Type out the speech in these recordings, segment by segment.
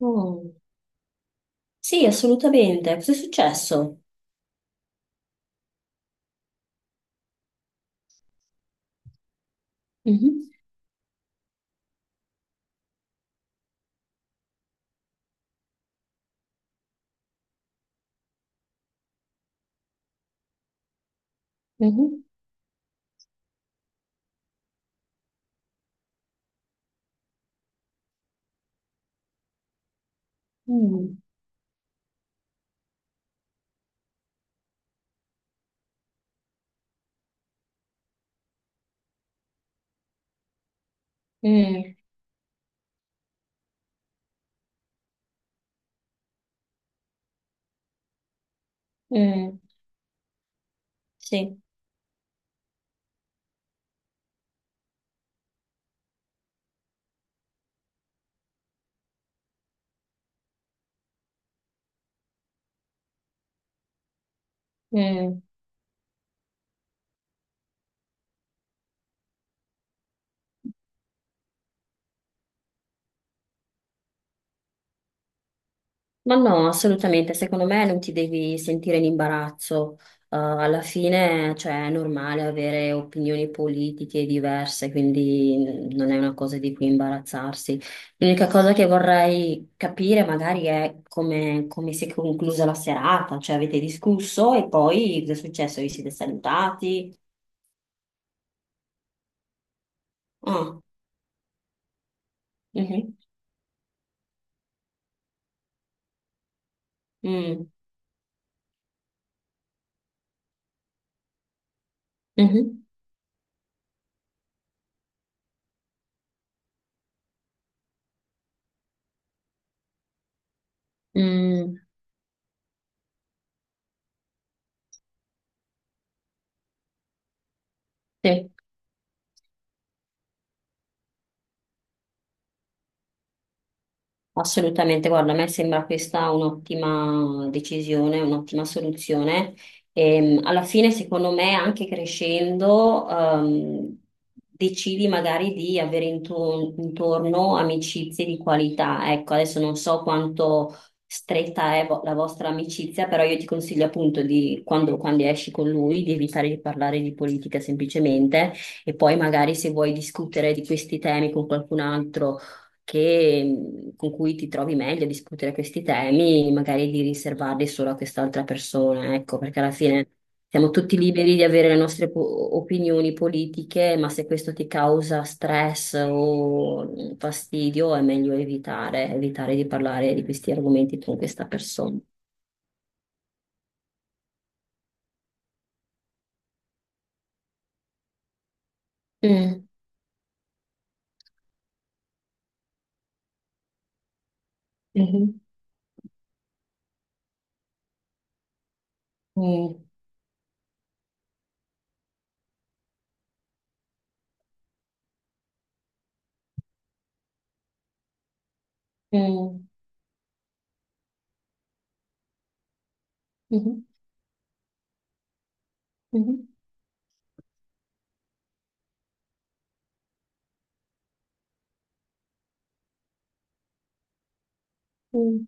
Oh, sì, assolutamente. Cos'è successo? Mhm. mhm, mm, mm, mm. Sì. mm. Ma no, assolutamente. Secondo me non ti devi sentire in imbarazzo. Alla fine, cioè, è normale avere opinioni politiche diverse, quindi non è una cosa di cui imbarazzarsi. L'unica cosa che vorrei capire magari è come, come si è conclusa la serata, cioè avete discusso e poi cosa è successo? Vi siete salutati? Mm. Mhm. Mm. Mhm. Mm. Sì. Assolutamente, guarda, a me sembra questa un'ottima decisione, un'ottima soluzione. Alla fine, secondo me, anche crescendo, decidi magari di avere intorno amicizie di qualità. Ecco, adesso non so quanto stretta è la vostra amicizia, però io ti consiglio appunto di, quando, quando esci con lui, di evitare di parlare di politica semplicemente e poi magari se vuoi discutere di questi temi con qualcun altro con cui ti trovi meglio a discutere questi temi, magari di riservarli solo a quest'altra persona, ecco, perché alla fine siamo tutti liberi di avere le nostre opinioni politiche, ma se questo ti causa stress o fastidio, è meglio evitare, evitare di parlare di questi argomenti con questa persona. Mm. Mhm. mm, mm, mhm, mhm, mm,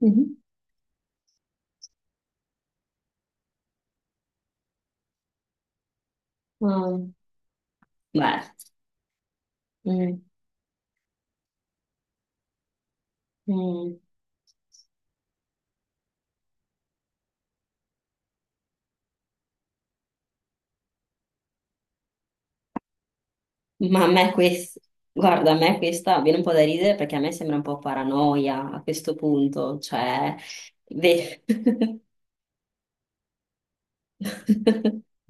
mhm. Ah. Beh. Mm, mm. Ma a me questo, guarda, a me questa viene un po' da ridere perché a me sembra un po' paranoia a questo punto, cioè, ve-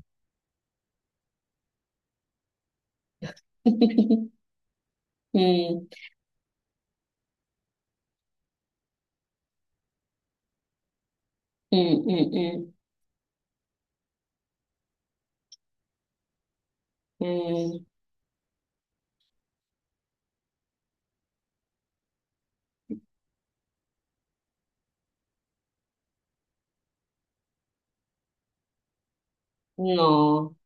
Mm, mm, mm, mm, mm. No,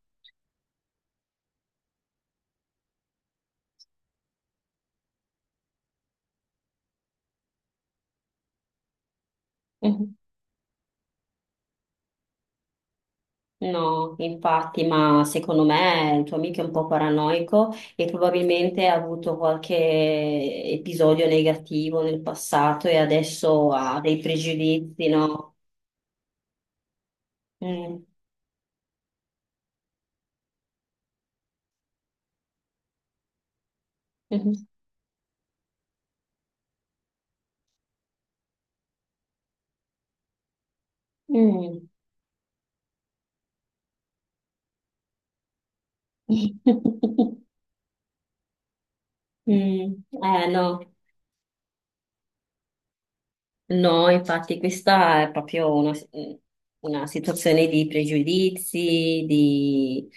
no, infatti, ma secondo me il tuo amico è un po' paranoico e probabilmente ha avuto qualche episodio negativo nel passato e adesso ha dei pregiudizi, no? Mm, mm, mm. Mm. Eh, no, no, infatti questa è proprio una situazione di pregiudizi, di,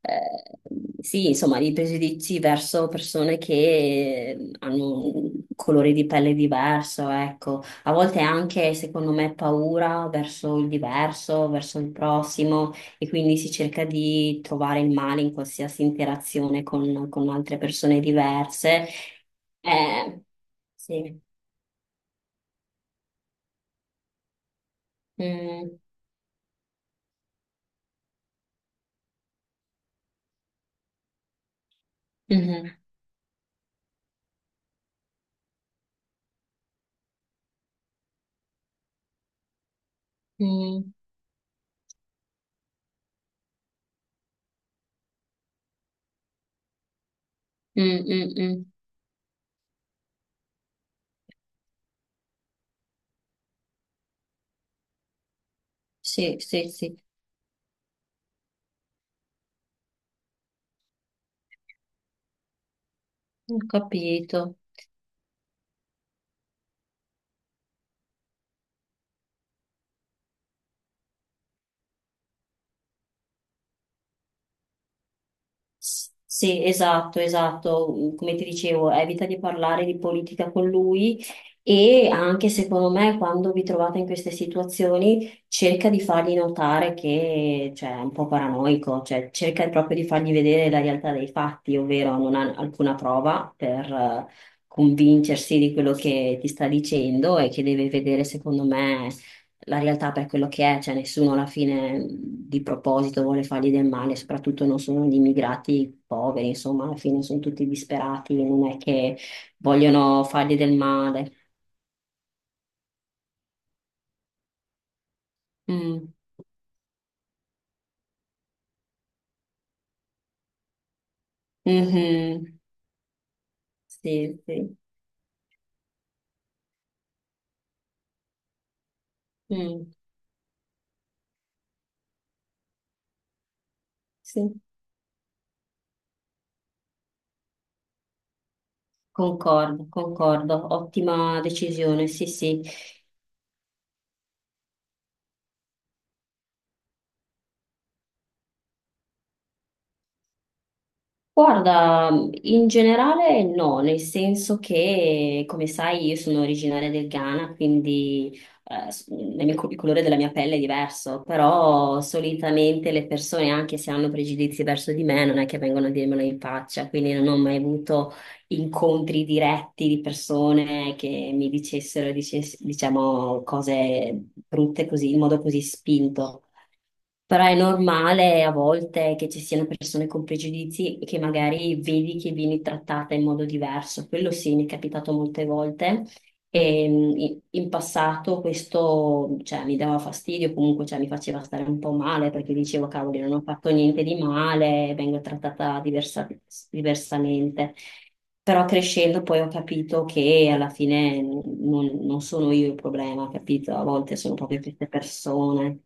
eh, sì, insomma, di pregiudizi verso persone che hanno un colore di pelle diverso, ecco. A volte anche, secondo me, paura verso il diverso, verso il prossimo, e quindi si cerca di trovare il male in qualsiasi interazione con altre persone diverse. Eh, sì. Mm, mhm, mm, mm, mm, mm. Sì, sì, sì, ho capito. Sì, esatto, esatto. Come ti dicevo, evita di parlare di politica con lui e anche secondo me quando vi trovate in queste situazioni cerca di fargli notare che cioè, è un po' paranoico, cioè cerca proprio di fargli vedere la realtà dei fatti, ovvero non ha alcuna prova per convincersi di quello che ti sta dicendo e che deve vedere secondo me la realtà per quello che è, cioè nessuno alla fine di proposito vuole fargli del male, soprattutto non sono gli immigrati poveri, insomma, alla fine sono tutti disperati, non è che vogliono fargli del male. Mm. Mhm. Sì, sì. Mm. Sì. Concordo, concordo, ottima decisione, sì, sì. Guarda, in generale no, nel senso che, come sai, io sono originaria del Ghana, quindi la mia il colore della mia pelle è diverso, però solitamente le persone, anche se hanno pregiudizi verso di me, non è che vengono a dirmelo in faccia, quindi non ho mai avuto incontri diretti di persone che mi dicessero, diciamo, cose brutte così, in modo così spinto. Però è normale a volte che ci siano persone con pregiudizi che magari vedi che vieni trattata in modo diverso. Quello sì, mi è capitato molte volte. E in passato questo, cioè, mi dava fastidio, comunque, cioè, mi faceva stare un po' male perché dicevo, cavoli, non ho fatto niente di male, diversamente. Però crescendo poi ho capito che alla fine non, non sono io il problema, capito? A volte sono proprio queste persone.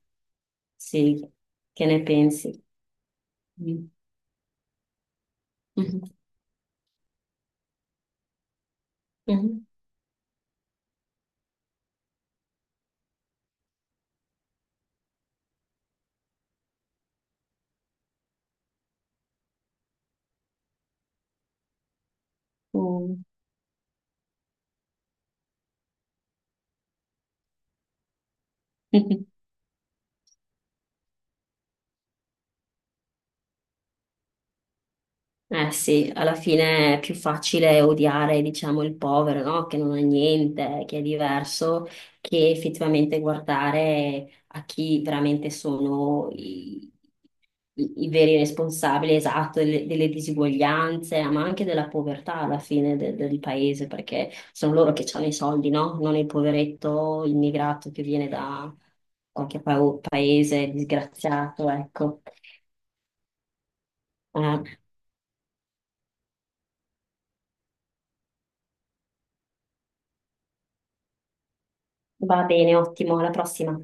Sì, che ne pensi? Mm. Mhm. Mhm. Mm. Eh sì, alla fine è più facile odiare, diciamo, il povero, no? Che non ha niente, che è diverso, che effettivamente guardare a chi veramente sono i, i veri responsabili, esatto, delle, delle disuguaglianze, ma anche della povertà alla fine del paese, perché sono loro che hanno i soldi, no? Non il poveretto immigrato che viene da qualche paese disgraziato, ecco. Eh, va bene, ottimo, alla prossima.